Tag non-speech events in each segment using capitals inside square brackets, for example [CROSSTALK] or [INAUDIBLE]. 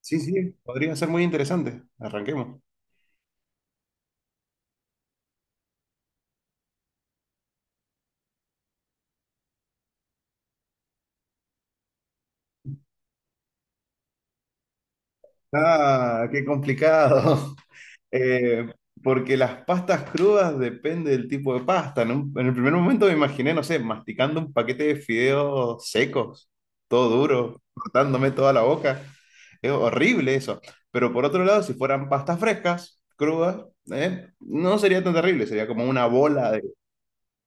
Sí, sí, podría ser muy interesante. Arranquemos. Ah, qué complicado. [LAUGHS] Eh, Porque las pastas crudas depende del tipo de pasta. En el primer momento me imaginé, no sé, masticando un paquete de fideos secos, todo duro, cortándome toda la boca. Es horrible eso. Pero por otro lado, si fueran pastas frescas, crudas, no sería tan terrible, sería como una bola de...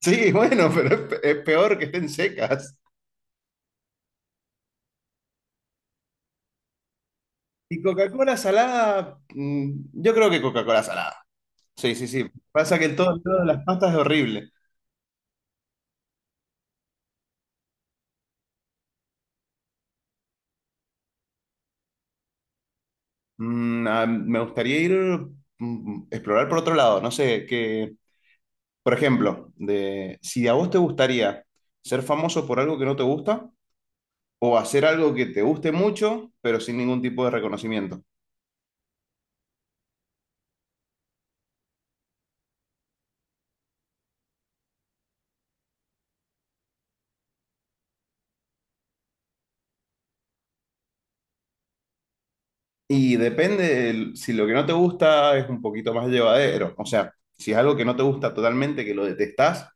Sí, bueno, [LAUGHS] pero es peor que estén secas. Y Coca-Cola salada, mm, yo creo que Coca-Cola salada. Sí, sí, sí. Pasa que el todo de las pastas es horrible. Mm, ah, me gustaría ir, mm, explorar por otro lado. No sé, que, por ejemplo, de, si a vos te gustaría ser famoso por algo que no te gusta o hacer algo que te guste mucho, pero sin ningún tipo de reconocimiento. Y depende, si lo que no te gusta es un poquito más llevadero, o sea, si es algo que no te gusta totalmente, que lo detestás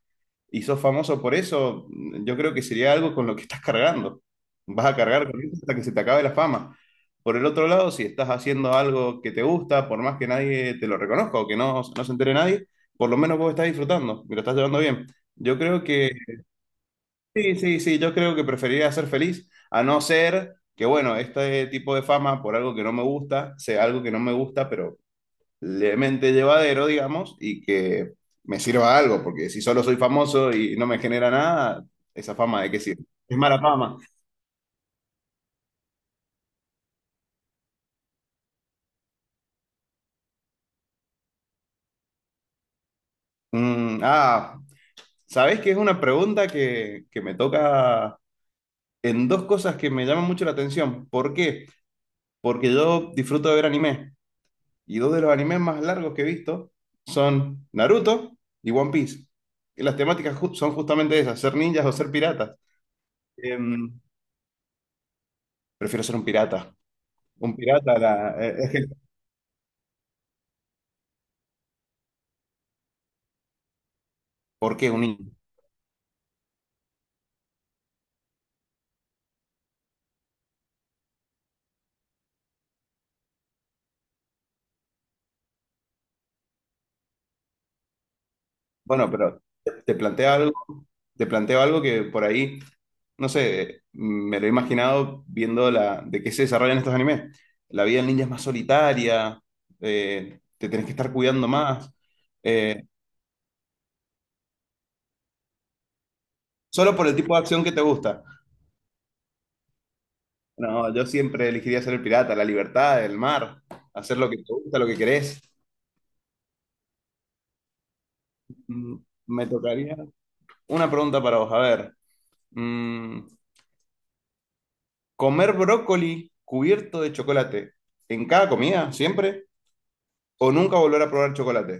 y sos famoso por eso, yo creo que sería algo con lo que estás cargando. Vas a cargar con eso hasta que se te acabe la fama. Por el otro lado, si estás haciendo algo que te gusta, por más que nadie te lo reconozca o que no, no se entere nadie, por lo menos vos estás disfrutando y lo estás llevando bien. Yo creo que Sí, sí, sí, yo creo que preferiría ser feliz, a no ser que, bueno, este tipo de fama por algo que no me gusta, sea algo que no me gusta, pero levemente llevadero, digamos, y que me sirva algo, porque si solo soy famoso y no me genera nada, esa fama de qué sirve. Es mala fama. Mm, ah, ¿sabés que es una pregunta que me toca en dos cosas que me llaman mucho la atención? ¿Por qué? Porque yo disfruto de ver anime. Y dos de los animes más largos que he visto son Naruto y One Piece. Y las son justamente esas, ser ninjas o ser piratas. Em, Prefiero ser un pirata. Un pirata, ¿por qué un ninja? Bueno, pero te planteo algo, te planteo algo que por ahí, no sé, me lo he imaginado viendo la, de qué se desarrollan estos animes. La vida del ninja es más solitaria, te tenés que estar cuidando más, eh, solo por el tipo de acción que te gusta. No, yo siempre elegiría ser el pirata, la libertad, el mar, hacer lo que te gusta, lo que querés. Mm, me tocaría. Una pregunta para vos, a ver. Mm, ¿comer brócoli cubierto de chocolate en cada comida, siempre? ¿O nunca volver a probar chocolate?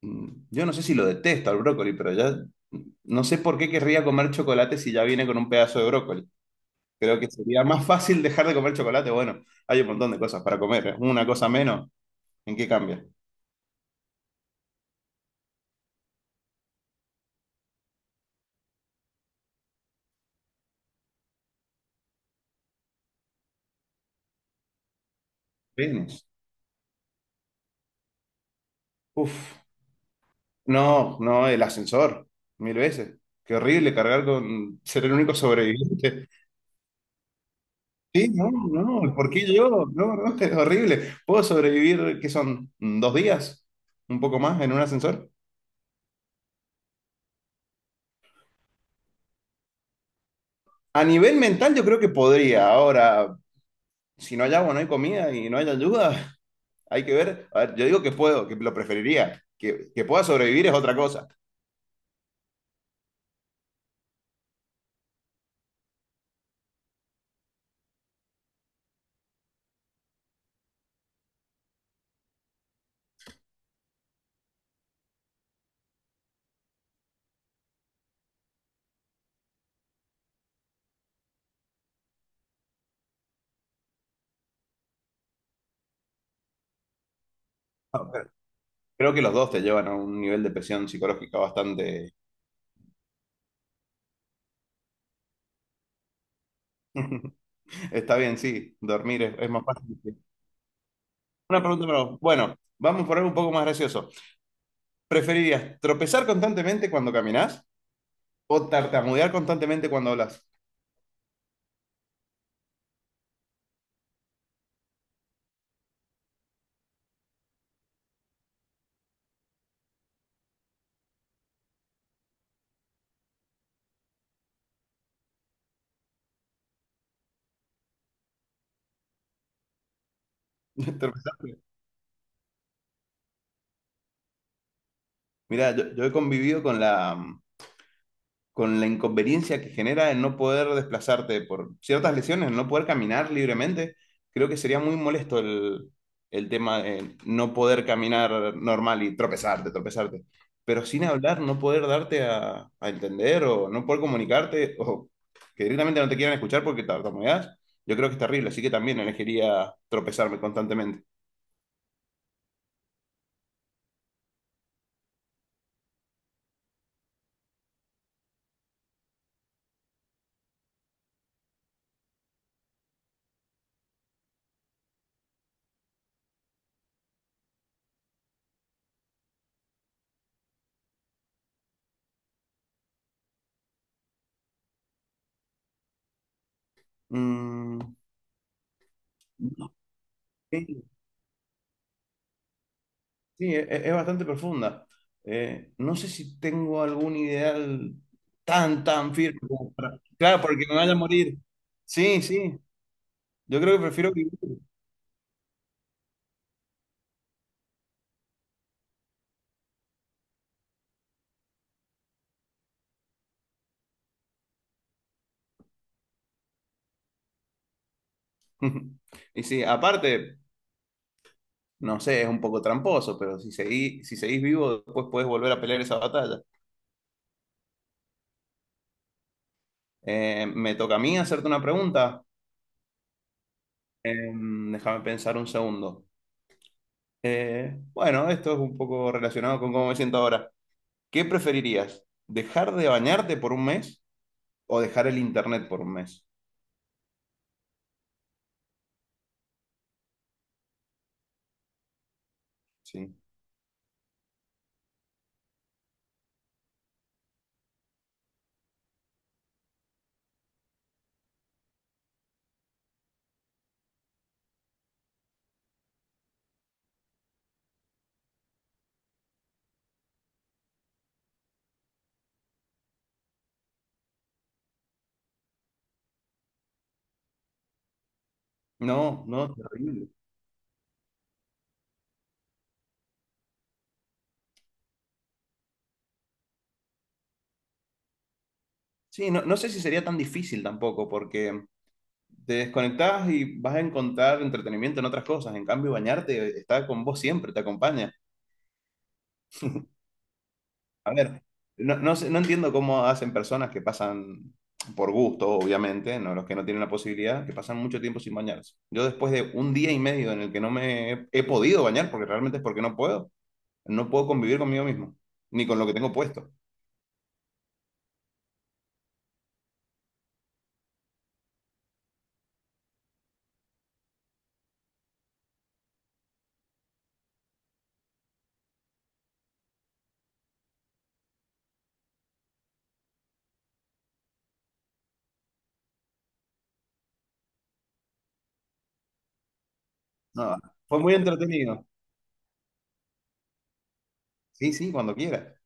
Mm, yo no sé si lo detesto al brócoli, pero ya no sé por qué querría comer chocolate si ya viene con un pedazo de brócoli. Creo que sería más fácil dejar de comer chocolate. Bueno, hay un montón de cosas para comer, ¿eh? Una cosa menos, ¿en qué cambia? Venus. Uf. No, no, el ascensor, mil veces. Qué horrible cargar con ser el único sobreviviente. Sí, no, no, ¿por qué yo? No, no, [LAUGHS] es horrible. ¿Puedo sobrevivir, qué son, mm, dos días? ¿Un poco más en un ascensor? A nivel mental yo creo que podría. Ahora, si no hay agua, no hay comida y no hay ayuda, [LAUGHS] hay que ver. A ver, yo digo que puedo, que lo preferiría. Que pueda sobrevivir es otra cosa. No, pero creo que los dos te llevan a un nivel de presión psicológica bastante... [LAUGHS] Está bien, sí, dormir es más fácil. Una pregunta para vos. Bueno, vamos por algo un poco más gracioso. ¿Preferirías tropezar constantemente cuando caminás o tartamudear constantemente cuando hablas? [LAUGHS] Tropezar. Mira, yo he convivido con la, mm, con la inconveniencia que genera el no poder desplazarte por ciertas lesiones, el no poder caminar libremente, creo que sería muy molesto el tema de no poder caminar normal y tropezarte. Pero sin hablar, no poder darte a entender o no poder comunicarte o que directamente no te quieran escuchar porque tartamudeas, yo creo que es terrible. Así que también elegiría tropezarme constantemente. Mm, no sé, sí, es, bastante profunda. No sé si tengo algún ideal tan, tan firme como para... Claro, porque me vaya a morir. Sí, sí, yo creo que prefiero vivir. [LAUGHS] Y sí, aparte, no sé, es un poco tramposo, pero si seguís vivo, después puedes volver a pelear esa batalla. Me toca a mí hacerte una pregunta. Déjame pensar un segundo. Bueno, esto es un poco relacionado con cómo me siento ahora. ¿Qué preferirías? ¿Dejar de bañarte por un mes o dejar el internet por un mes? Sí. No, no, terrible. Sí, no, no sé si sería tan difícil tampoco, porque te desconectás y vas a encontrar entretenimiento en otras cosas. En cambio, bañarte está con vos siempre, te acompaña. A ver, no entiendo cómo hacen personas que pasan por gusto, obviamente, no los que no tienen la posibilidad, que pasan mucho tiempo sin bañarse. Yo después de un día y medio en el que no me he, he podido bañar, porque realmente es porque no puedo, no puedo convivir conmigo mismo, ni con lo que tengo puesto. No, fue muy entretenido. Sí, sí, cuando quiera.